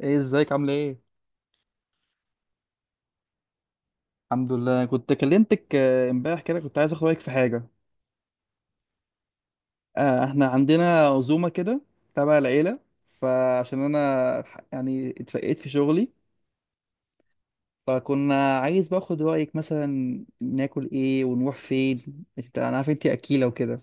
ايه، ازيك؟ عامله ايه؟ الحمد لله، أنا كنت كلمتك امبارح كده، كنت عايز اخد رايك في حاجه. احنا عندنا عزومه كده تبع العيله، فعشان انا يعني اتفقت في شغلي. فكنا عايز باخد رايك مثلا ناكل ايه ونروح فين، انت انا عارف انت اكيله وكده.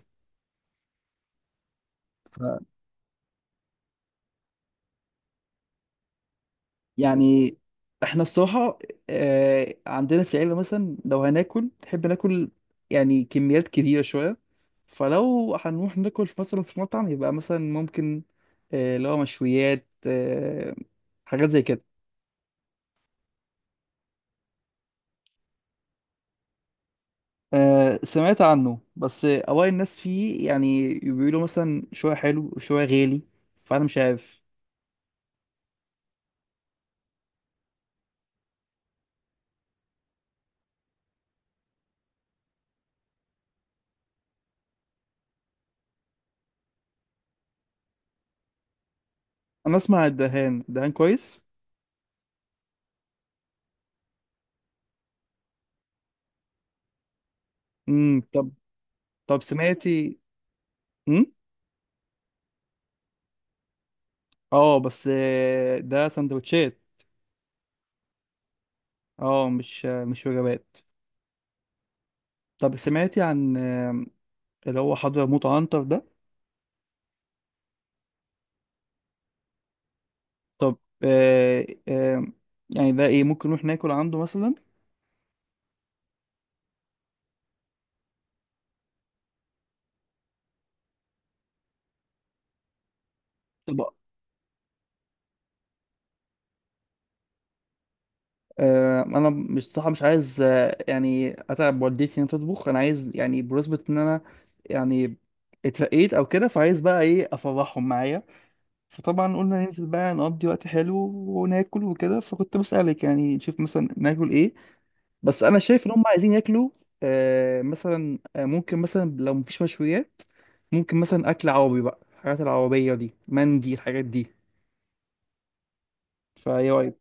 يعني احنا الصراحة، عندنا في العيلة مثلا لو هناكل نحب ناكل يعني كميات كبيرة شوية. فلو هنروح ناكل في مثلا في مطعم، يبقى مثلا ممكن اللي هو مشويات، حاجات زي كده. سمعت عنه، بس أوائل الناس فيه يعني بيقولوا مثلا شوية حلو وشوية غالي، فأنا مش عارف. أنا أسمع الدهان الدهان كويس. طب. طب سمعتي؟ امم. اه، بس ده سندوتشات. اه، مش وجبات. طب سمعتي عن اللي هو حضرموت عنتر ده؟ طب آه، آم، يعني ده ايه؟ ممكن نروح ناكل عنده مثلا؟ طب انا مش صح، مش عايز يعني اتعب والدتي ان تطبخ. انا عايز يعني، بمناسبة ان انا يعني اترقيت او كده، فعايز بقى ايه، افرحهم معايا. فطبعا قلنا ننزل بقى نقضي وقت حلو وناكل وكده. فكنت بسألك يعني نشوف مثلا ناكل ايه. بس انا شايف ان هم عايزين ياكلوا مثلا. ممكن مثلا لو مفيش مشويات، ممكن مثلا اكل عربي بقى، الحاجات العربية دي، مندي، الحاجات دي. فايه رايك؟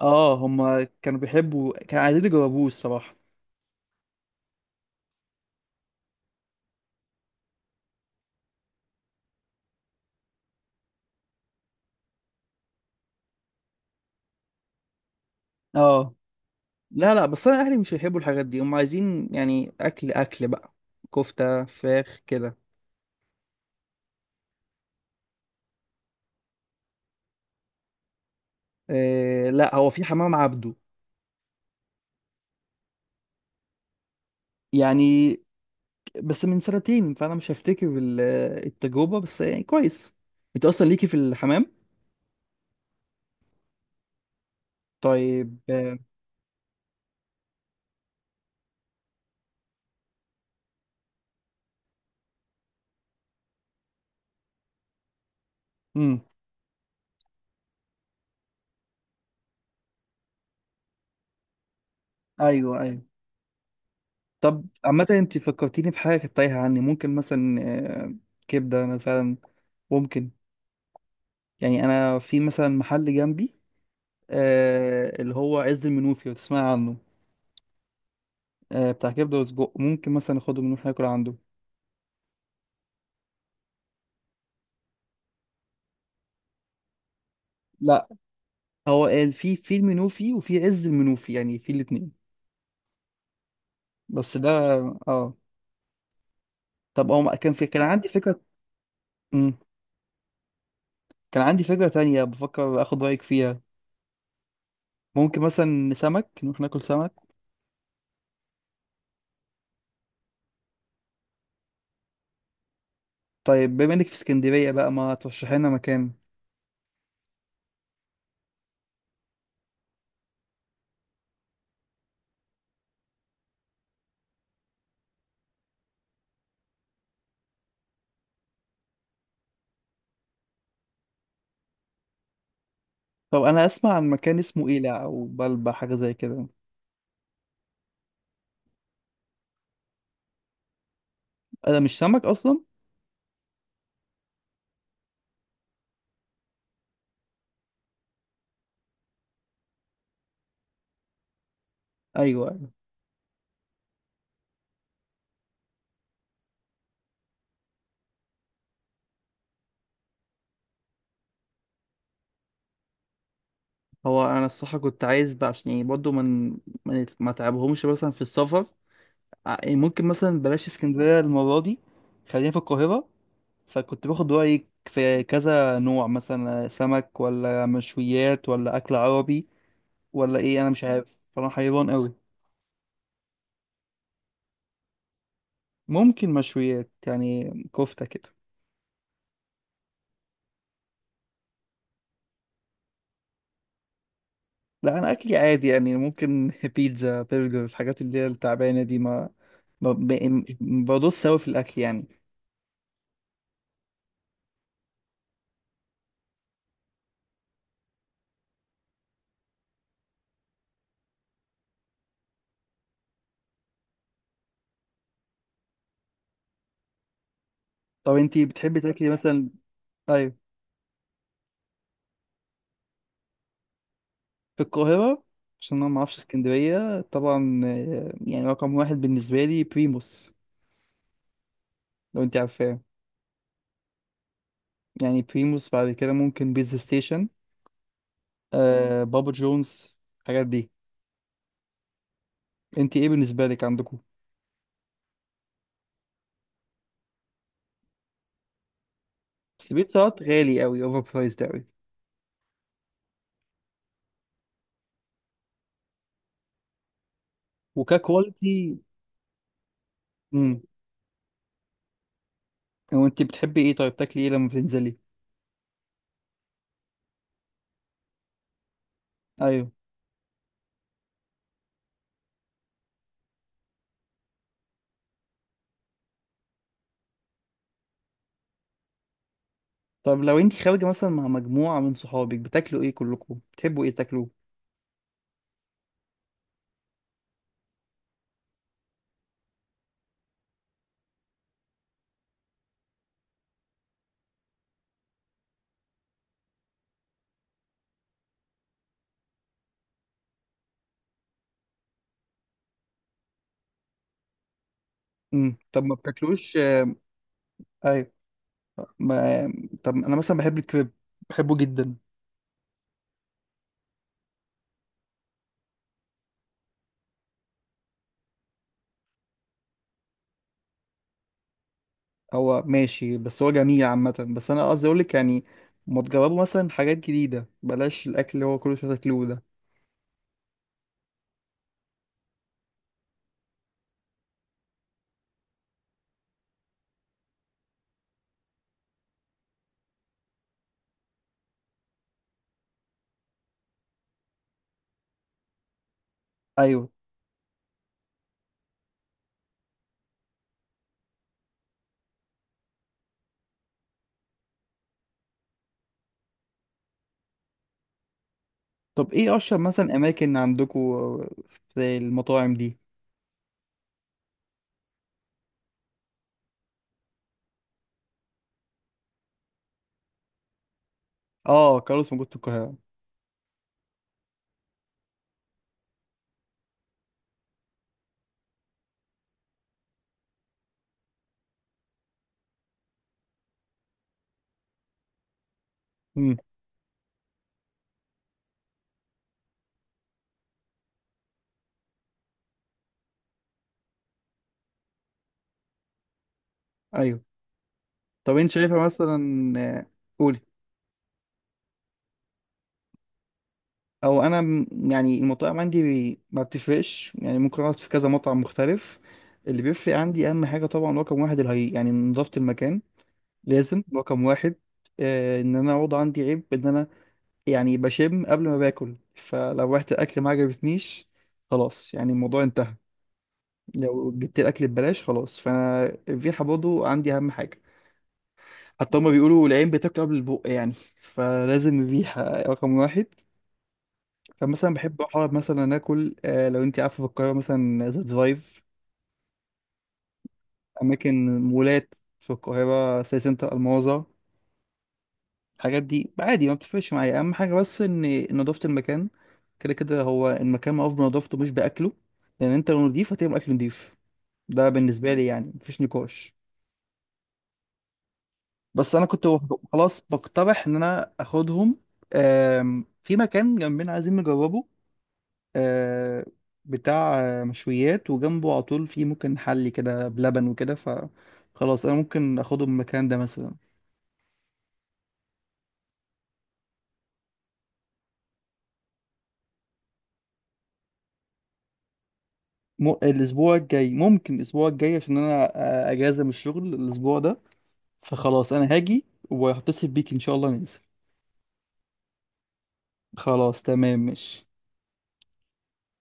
اه، هم كانوا بيحبوا، كانوا عايزين يجربوه الصراحة. اه، لا لا، بس انا اهلي مش هيحبوا الحاجات دي. هم عايزين يعني اكل اكل بقى، كفتة فراخ كده. لا، هو في حمام عبده. يعني بس من سنتين، فانا مش هفتكر التجربه، بس يعني كويس. انت اصلا ليكي في الحمام؟ طيب. امم. ايوه ايوه. طب عامه، انت فكرتيني بحاجه كانت تايهه عني. ممكن مثلا آه، كبده، انا فعلا ممكن. يعني انا في مثلا محل جنبي اللي هو عز المنوفي، لو تسمعي عنه. بتاع كبده وسجق، ممكن مثلا اخده منه ناكل عنده. لا، هو قال في المنوفي وفي عز المنوفي، يعني في الاثنين. بس ده. اه. طب هو كان كان عندي فكره. مم. كان عندي فكرة تانية بفكر اخد رأيك فيها. ممكن مثلا سمك؟ نروح ناكل سمك. طيب، بما انك في اسكندرية بقى، ما ترشحي لنا مكان. طب انا اسمع عن مكان اسمه ايلع او بلبع، حاجة زي كده. انا مش سمك اصلا. ايوه، أيوة. هو انا الصراحة كنت عايز بقى، عشان يعني برضه من ما تعبهمش مثلا في السفر. يعني ممكن مثلا بلاش اسكندرية المرة دي، خلينا في القاهرة. فكنت باخد رأيك في كذا نوع، مثلا سمك ولا مشويات ولا أكل عربي ولا ايه. انا مش عارف، فانا حيران قوي. ممكن مشويات يعني، كفتة كده. لا، انا اكلي عادي يعني، ممكن بيتزا، برجر، الحاجات اللي هي التعبانة دي. ما- ب- م- بدوس قوي في الاكل يعني. طب انتي بتحبي تاكلي مثلا؟ ايوه. في القاهرة، عشان انا ما اعرفش اسكندرية طبعا. يعني رقم واحد بالنسبة لي بريموس، لو انت عارفاه. يعني بريموس، بعد كده ممكن بيتزا ستيشن، بابا جونز، الحاجات دي. انت ايه بالنسبة لك عندكم؟ سبيت ساعات غالي قوي، اوفر برايسد قوي. وككواليتي. امم. هو انت بتحبي ايه؟ طيب، تاكلي ايه لما بتنزلي؟ ايوه. طب لو انت خارجه مثلا مع مجموعه من صحابك، بتاكلوا ايه كلكم؟ بتحبوا ايه تاكلوه؟ طب، ما بتاكلوش ايوه. ما... طب انا مثلا بحب الكريب، بحبه جدا. هو ماشي، بس هو جميل عامه. بس انا قصدي اقول لك يعني، ما تجربوا مثلا حاجات جديده، بلاش الاكل اللي هو كل شويه تاكلوه ده. ايوه. طب ايه اشهر مثلا اماكن عندكم في المطاعم دي؟ اه، كارلوس موجود في القاهرة. امم. ايوه. طب انت شايفة مثلا قولي. او انا يعني المطاعم عندي، ما بتفرقش يعني، ممكن اقعد في كذا مطعم مختلف. اللي بيفرق عندي اهم حاجة طبعا رقم واحد، الهي يعني، نظافة المكان. لازم رقم واحد. ان انا اقعد، عندي عيب ان انا يعني بشم قبل ما باكل. فلو رحت الاكل ما عجبتنيش، خلاص يعني الموضوع انتهى. لو جبت الاكل ببلاش، خلاص. فانا الريحة برضه عندي اهم حاجة. حتى هما بيقولوا العين بتاكل قبل البق يعني. فلازم الريحة رقم واحد. فمثلا بحب أقعد مثلا آكل، لو أنت عارفة، في القاهرة مثلا ذا درايف، أماكن مولات، في القاهرة سي سنتر الماظة، الحاجات دي. عادي ما بتفرقش معايا، أهم حاجة بس إن نضافة المكان. كده كده هو المكان معروف بنضافته مش بأكله، لأن أنت لو نضيف هتبقى أكل نضيف. ده بالنسبة لي يعني مفيش نقاش. بس أنا كنت خلاص بقترح إن أنا آخدهم. في مكان جنبنا عايزين نجربه، آه، بتاع مشويات، وجنبه على طول فيه ممكن حلي كده بلبن وكده، فخلاص انا ممكن اخده من المكان ده مثلا. الاسبوع الجاي، ممكن الاسبوع الجاي، عشان انا اجازه من الشغل الاسبوع ده، فخلاص انا هاجي وهتصل بيك ان شاء الله ننزل. خلاص، تمام، ماشي.